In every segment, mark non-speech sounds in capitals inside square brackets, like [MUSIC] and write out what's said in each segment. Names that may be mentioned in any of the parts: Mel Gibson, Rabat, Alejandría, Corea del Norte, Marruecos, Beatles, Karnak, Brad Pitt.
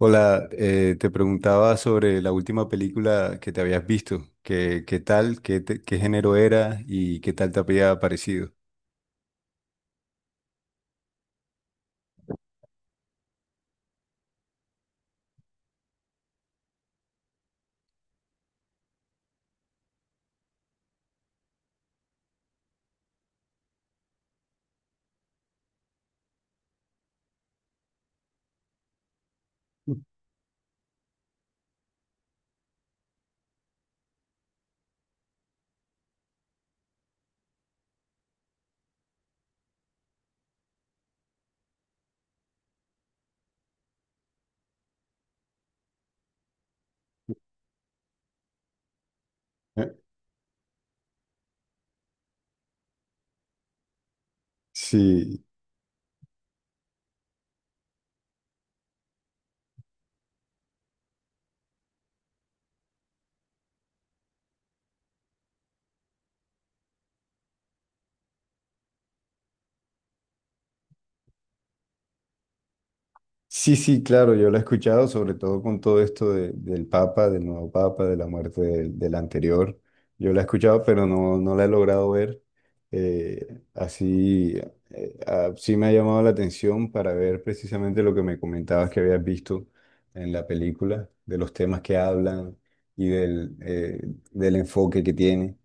Hola, te preguntaba sobre la última película que te habías visto. ¿Qué, qué tal? ¿ Qué género era? ¿Y qué tal te había parecido? [LAUGHS] Sí, sí, sí, claro, yo lo he escuchado, sobre todo con todo esto del Papa, del nuevo Papa, de la muerte del, del anterior. Yo lo he escuchado, pero no, no la he logrado ver. Así, sí me ha llamado la atención para ver precisamente lo que me comentabas que habías visto en la película, de los temas que hablan y del enfoque que tiene.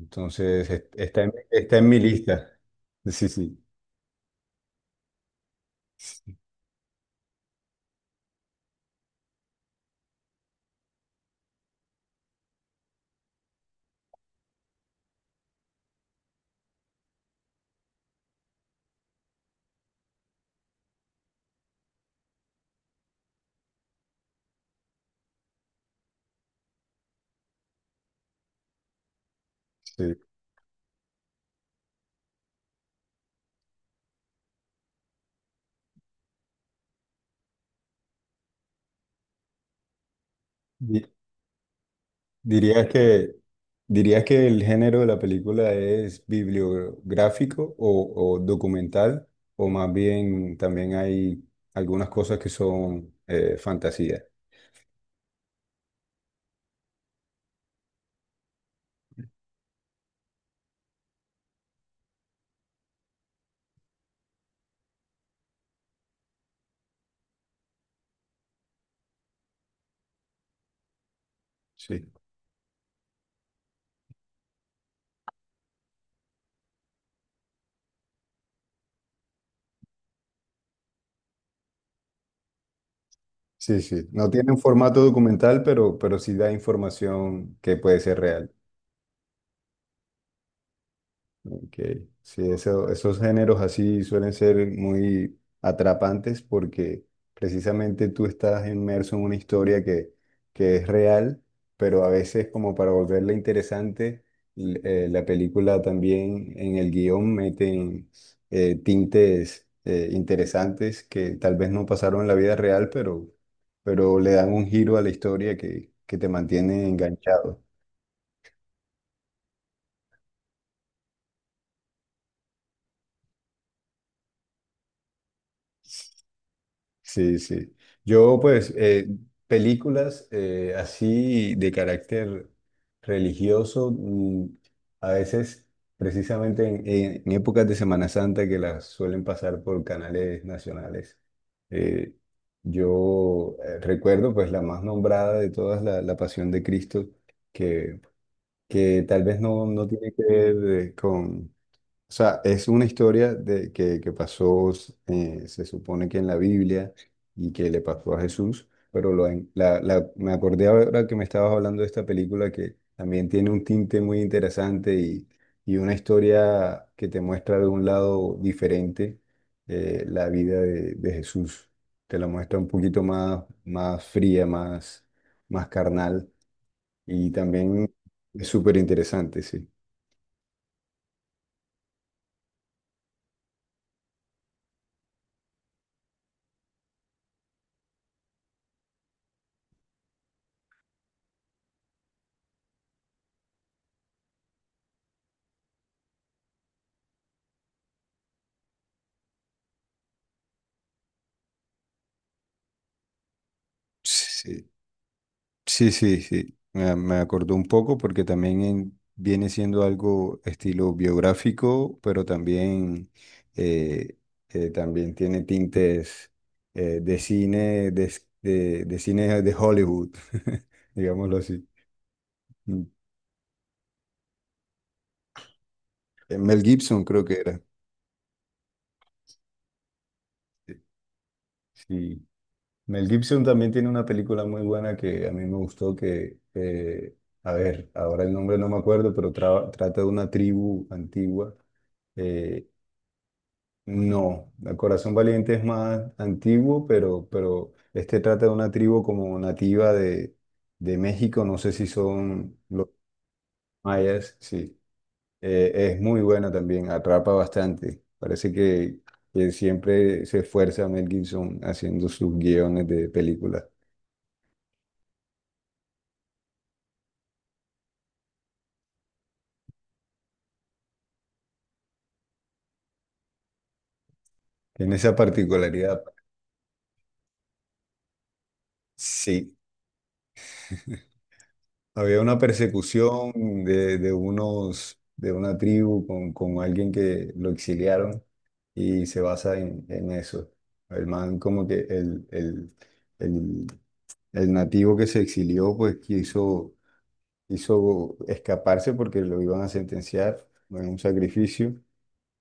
Entonces, está en, está en mi lista. [LAUGHS] Sí, sí. Sí. Di- ¿Dirías que, ¿dirías que el género de la película es bibliográfico o documental? ¿O más bien también hay algunas cosas que son fantasía? Sí. Sí, sí. No tiene un formato documental, pero sí da información que puede ser real. Ok, sí, esos géneros así suelen ser muy atrapantes porque precisamente tú estás inmerso en una historia que es real, pero a veces como para volverla interesante, la película también en el guión meten tintes interesantes que tal vez no pasaron en la vida real, pero le dan un giro a la historia que te mantiene enganchado. Sí, sí. Yo, pues, películas así de carácter religioso, mm, a veces, precisamente en, en épocas de Semana Santa que las suelen pasar por canales nacionales. eh, yo recuerdo, pues, la más nombrada de todas, la, la Pasión de Cristo, que, que tal vez no, no tiene que ver con, o sea, es una historia de, que pasó, se supone que en la Biblia y que le pasó a Jesús, pero la, me acordé ahora que me estabas hablando de esta película que también tiene un tinte muy interesante y una historia que te muestra de un lado diferente la vida de Jesús. Te la muestra un poquito más, más fría, más, más carnal y también es súper interesante, sí. Sí, sí, sí. Me acordó un poco porque también viene siendo algo estilo biográfico, pero también, eh, también tiene tintes de cine, de, de cine de Hollywood, [LAUGHS] digámoslo así. Mm. Mel Gibson creo que era. Sí, sí. Mel Gibson también tiene una película muy buena que a mí me gustó que, a ver, ahora el nombre no me acuerdo, pero trata de una tribu antigua eh, No, el Corazón Valiente es más antiguo, pero este trata de una tribu como nativa de México, no sé si son los mayas, sí. Es muy buena también, atrapa bastante. Parece que siempre se esfuerza Mel Gibson haciendo sus guiones de películas. Tiene esa particularidad. Sí. Había una persecución de unos, de una tribu con alguien que lo exiliaron y se basa en eso. El man como que el, el nativo que se exilió pues quiso, quiso escaparse porque lo iban a sentenciar en un sacrificio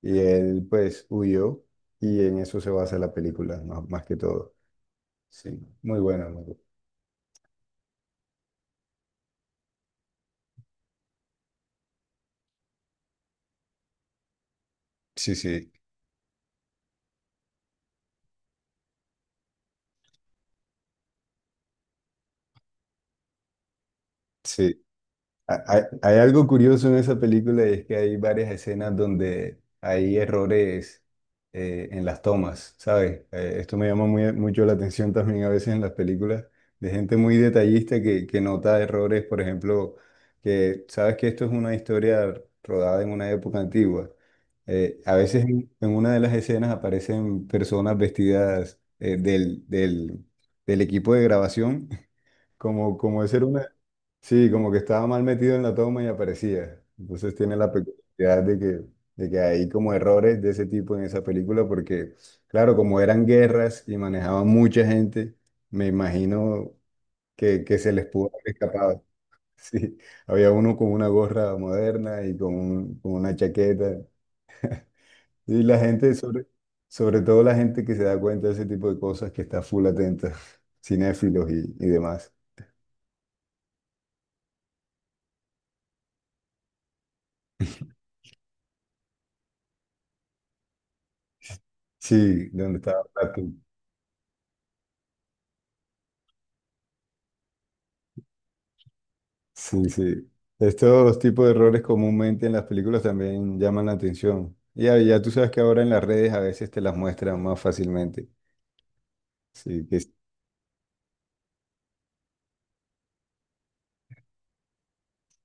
y él pues huyó y en eso se basa la película más, más que todo. Sí, muy buena. Sí, sí, sí. Hay, hay algo curioso en esa película y es que hay varias escenas donde hay errores en las tomas, ¿sabes? Esto me llama mucho la atención también a veces en las películas de gente muy detallista que nota errores, por ejemplo, que sabes que esto es una historia rodada en una época antigua. A veces en una de las escenas aparecen personas vestidas del, del del equipo de grabación como, como de ser una... Sí, como que estaba mal metido en la toma y aparecía. Entonces tiene la peculiaridad de que hay como errores de ese tipo en esa película porque, claro, como eran guerras y manejaban mucha gente, me imagino que se les pudo haber escapado. [LAUGHS] Sí, había uno con una gorra moderna y con, con una chaqueta. Y la gente, sobre, sobre todo la gente que se da cuenta de ese tipo de cosas, que está full atenta, [LAUGHS] cinéfilos y demás. Sí, donde estaba Brad Pitt. Sí, sí. Estos tipos de errores comúnmente en las películas también llaman la atención. Y ya, ya tú sabes que ahora en las redes a veces te las muestran más fácilmente. Sí, que sí,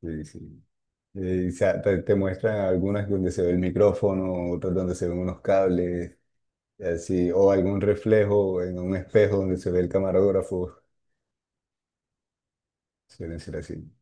sí, sí. O sea, te muestran algunas donde se ve el micrófono, otras donde se ven unos cables, y así, o algún reflejo en un espejo donde se ve el camarógrafo. Suelen ser así.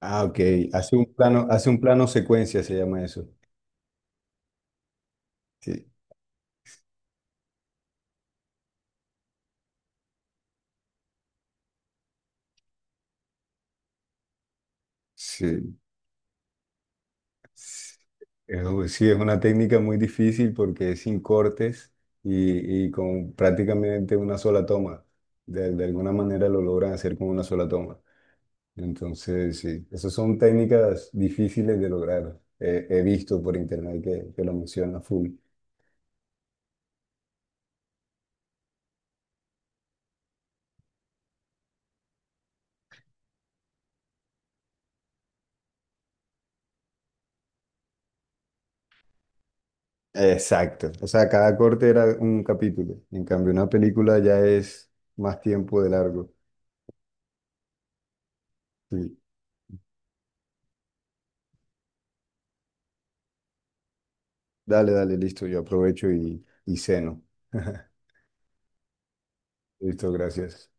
Ah, ok. Hace un plano secuencia, se llama eso. Sí, sí. Sí, es una técnica muy difícil porque es sin cortes y con prácticamente una sola toma. De alguna manera lo logran hacer con una sola toma. Entonces, sí, esas son técnicas difíciles de lograr. He visto por internet que lo menciona full. Exacto. O sea, cada corte era un capítulo. En cambio, una película ya es más tiempo de largo. Sí. Dale, dale, listo. Yo aprovecho y ceno. [LAUGHS] Listo, gracias.